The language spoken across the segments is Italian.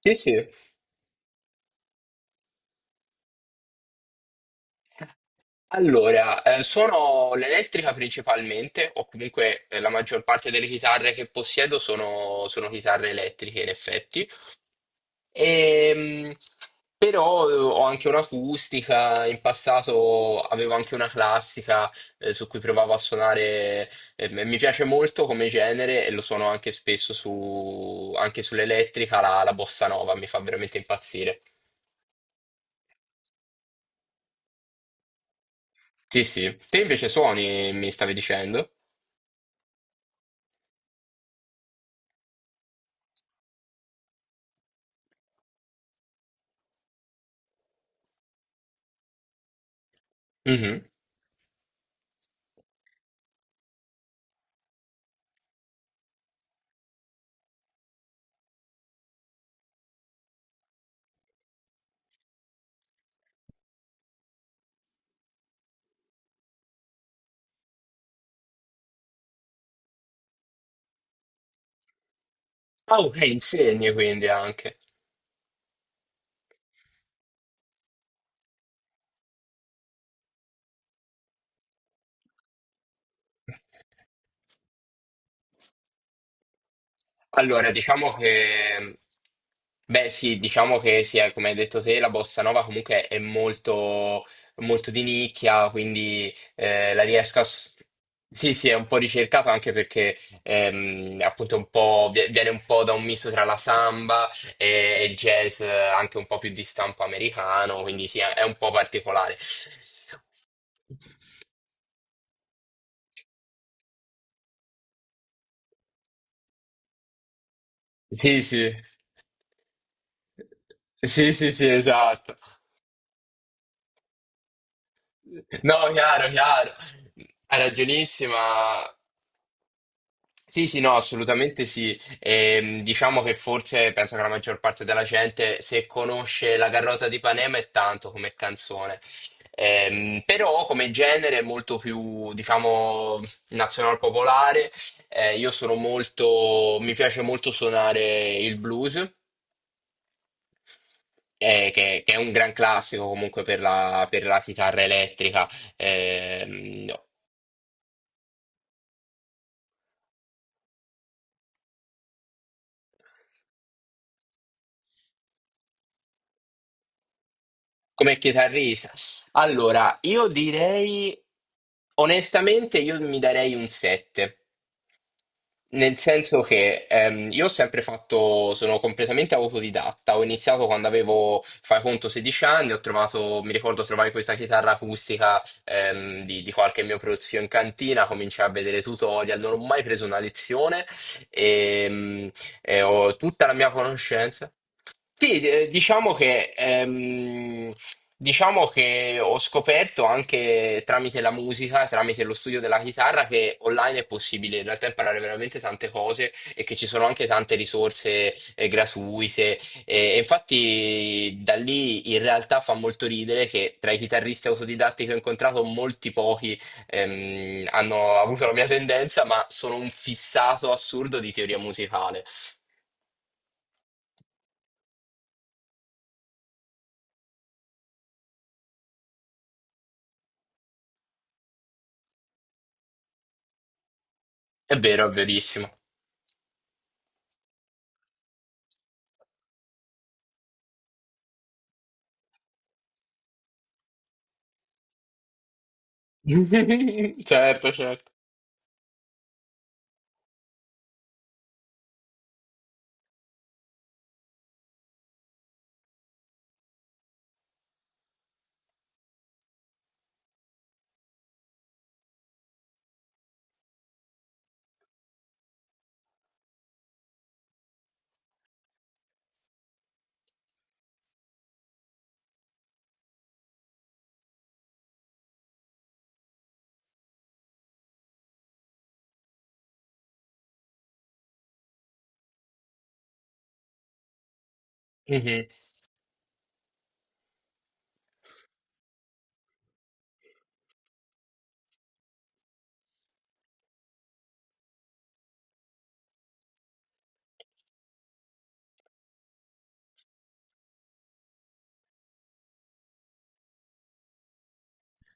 Sì, sì. Allora, suono l'elettrica principalmente, o comunque la maggior parte delle chitarre che possiedo sono chitarre elettriche, in effetti. Ehm, Però ho anche un'acustica, in passato avevo anche una classica su cui provavo a suonare. Mi piace molto come genere e lo suono anche spesso su, anche sull'elettrica, la bossa nova mi fa veramente impazzire. Sì, sì. Te invece suoni, mi stavi dicendo? Mhm. Ah, ok, insegni quindi anche. Allora, diciamo che, beh sì, diciamo che sì, come hai detto te, la bossa nova comunque è molto, molto di nicchia, quindi la riesco a... Sì, sì, è un po' ricercato anche perché appunto è un po', viene un po' da un misto tra la samba e, e il jazz, anche un po' più di stampo americano, quindi sì, è un po' particolare. Sì, sì. Sì, sì, sì, esatto. No, chiaro, chiaro. Hai ragionissima. Sì, sì, no, assolutamente sì. Diciamo che forse penso che la maggior parte della gente, se conosce La Carlotta di Panema è tanto come canzone. Però come genere è molto più, diciamo, nazional popolare. Io sono molto, mi piace molto suonare il blues. Eh, che è un gran classico comunque per la chitarra elettrica. ehm, Come chitarrista, allora, io direi onestamente io mi darei un 7. Nel senso che io ho sempre fatto, sono completamente autodidatta, ho iniziato quando avevo, fai conto, 16 anni, ho trovato, mi ricordo trovai questa chitarra acustica, di qualche mio prozio in cantina, cominciai a vedere tutorial, non ho mai preso una lezione e, e ho tutta la mia conoscenza. Sì, diciamo che ho scoperto anche tramite la musica, tramite lo studio della chitarra, che online è possibile in realtà imparare veramente tante cose e che ci sono anche tante risorse gratuite. E infatti da lì in realtà fa molto ridere che tra i chitarristi autodidatti che ho incontrato molti pochi hanno avuto la mia tendenza, ma sono un fissato assurdo di teoria musicale. È vero, è verissimo. Certo, certo. Mhm.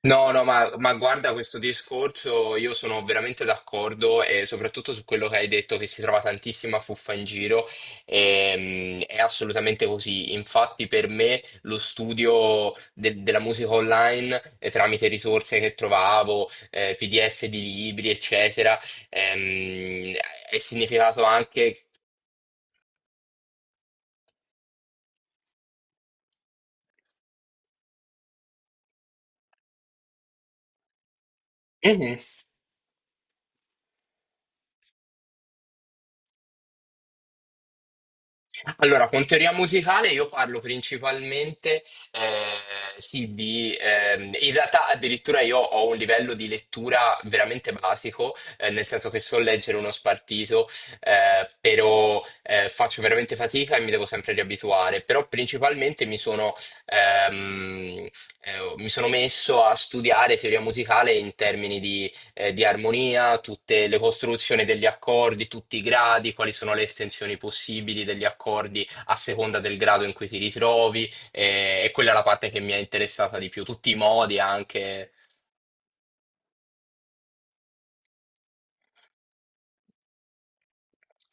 No, no, ma guarda questo discorso, io sono veramente d'accordo e soprattutto su quello che hai detto che si trova tantissima fuffa in giro. È assolutamente così. Infatti per me lo studio della musica online, tramite risorse che trovavo, PDF di libri, eccetera, ehm, è significato anche... Allora, con teoria musicale io parlo principalmente, sì, in realtà addirittura io ho un livello di lettura veramente basico, nel senso che so leggere uno spartito, però faccio veramente fatica e mi devo sempre riabituare. Però principalmente ehm, mi sono messo a studiare teoria musicale in termini di armonia, tutte le costruzioni degli accordi, tutti i gradi, quali sono le estensioni possibili degli accordi a seconda del grado in cui ti ritrovi, e quella è la parte che mi è interessata di più, tutti i modi anche.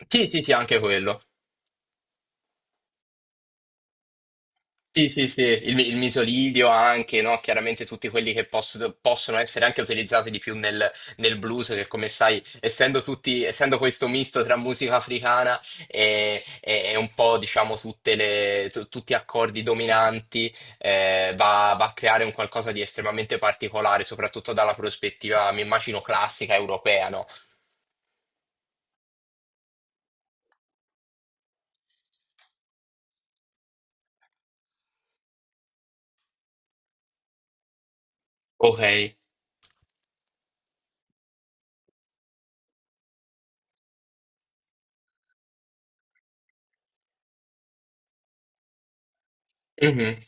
Sì, sì, sì, anche quello. Sì, sì, sì, il, il misolidio anche, no? Chiaramente tutti quelli che possono essere anche utilizzati di più nel, nel blues, che come sai, essendo tutti, essendo questo misto tra musica africana e, e un po', diciamo, tutte le, tutti accordi dominanti, va a creare un qualcosa di estremamente particolare, soprattutto dalla prospettiva, mi immagino, classica europea, no? Ok. Mhm.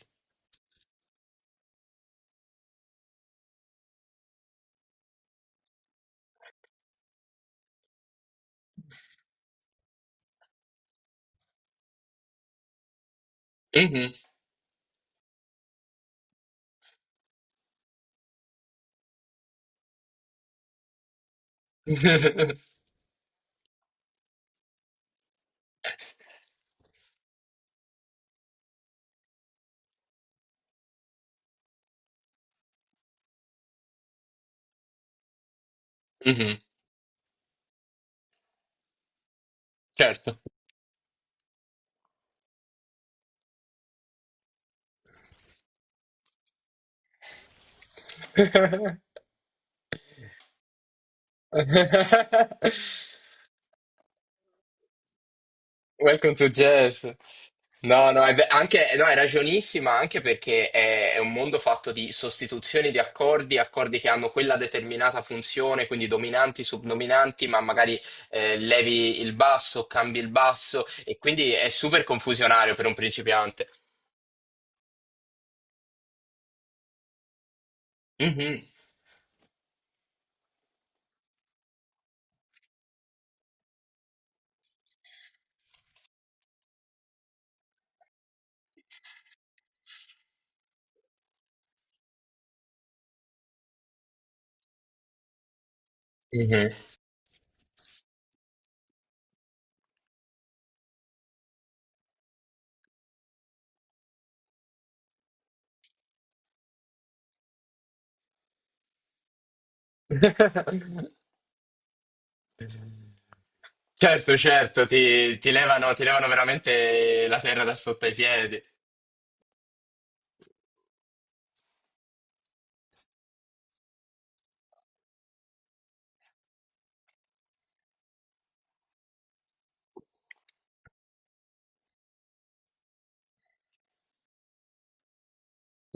Mhm. Mhm. Certo. Welcome to jazz. No, no, anche, no, è ragionissima anche perché è un mondo fatto di sostituzioni di accordi, accordi che hanno quella determinata funzione, quindi dominanti, subdominanti, ma magari levi il basso, cambi il basso, e quindi è super confusionario per un principiante. Mhm, mhm. Certo, certo, ti, ti levano veramente la terra da sotto ai piedi.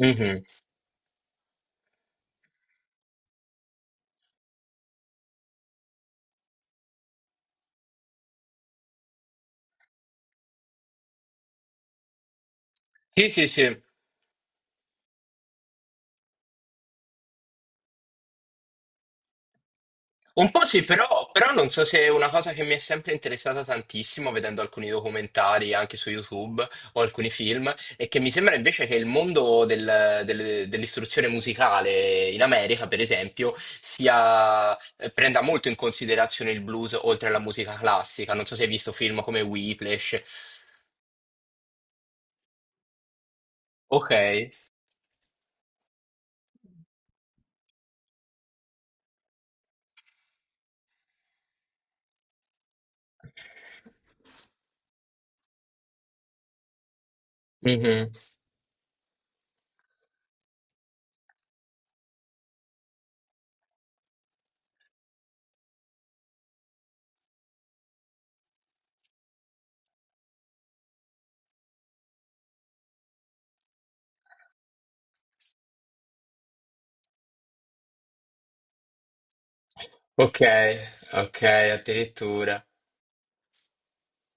Mm-hmm. Sì, sì, sì. Un po' sì, però, però non so se è una cosa che mi è sempre interessata tantissimo, vedendo alcuni documentari anche su YouTube o alcuni film, e che mi sembra invece che il mondo dell'istruzione musicale in America, per esempio, sia, prenda molto in considerazione il blues oltre alla musica classica. Non so se hai visto film come Whiplash. Ok. Mhm. Ok, ok, addirittura.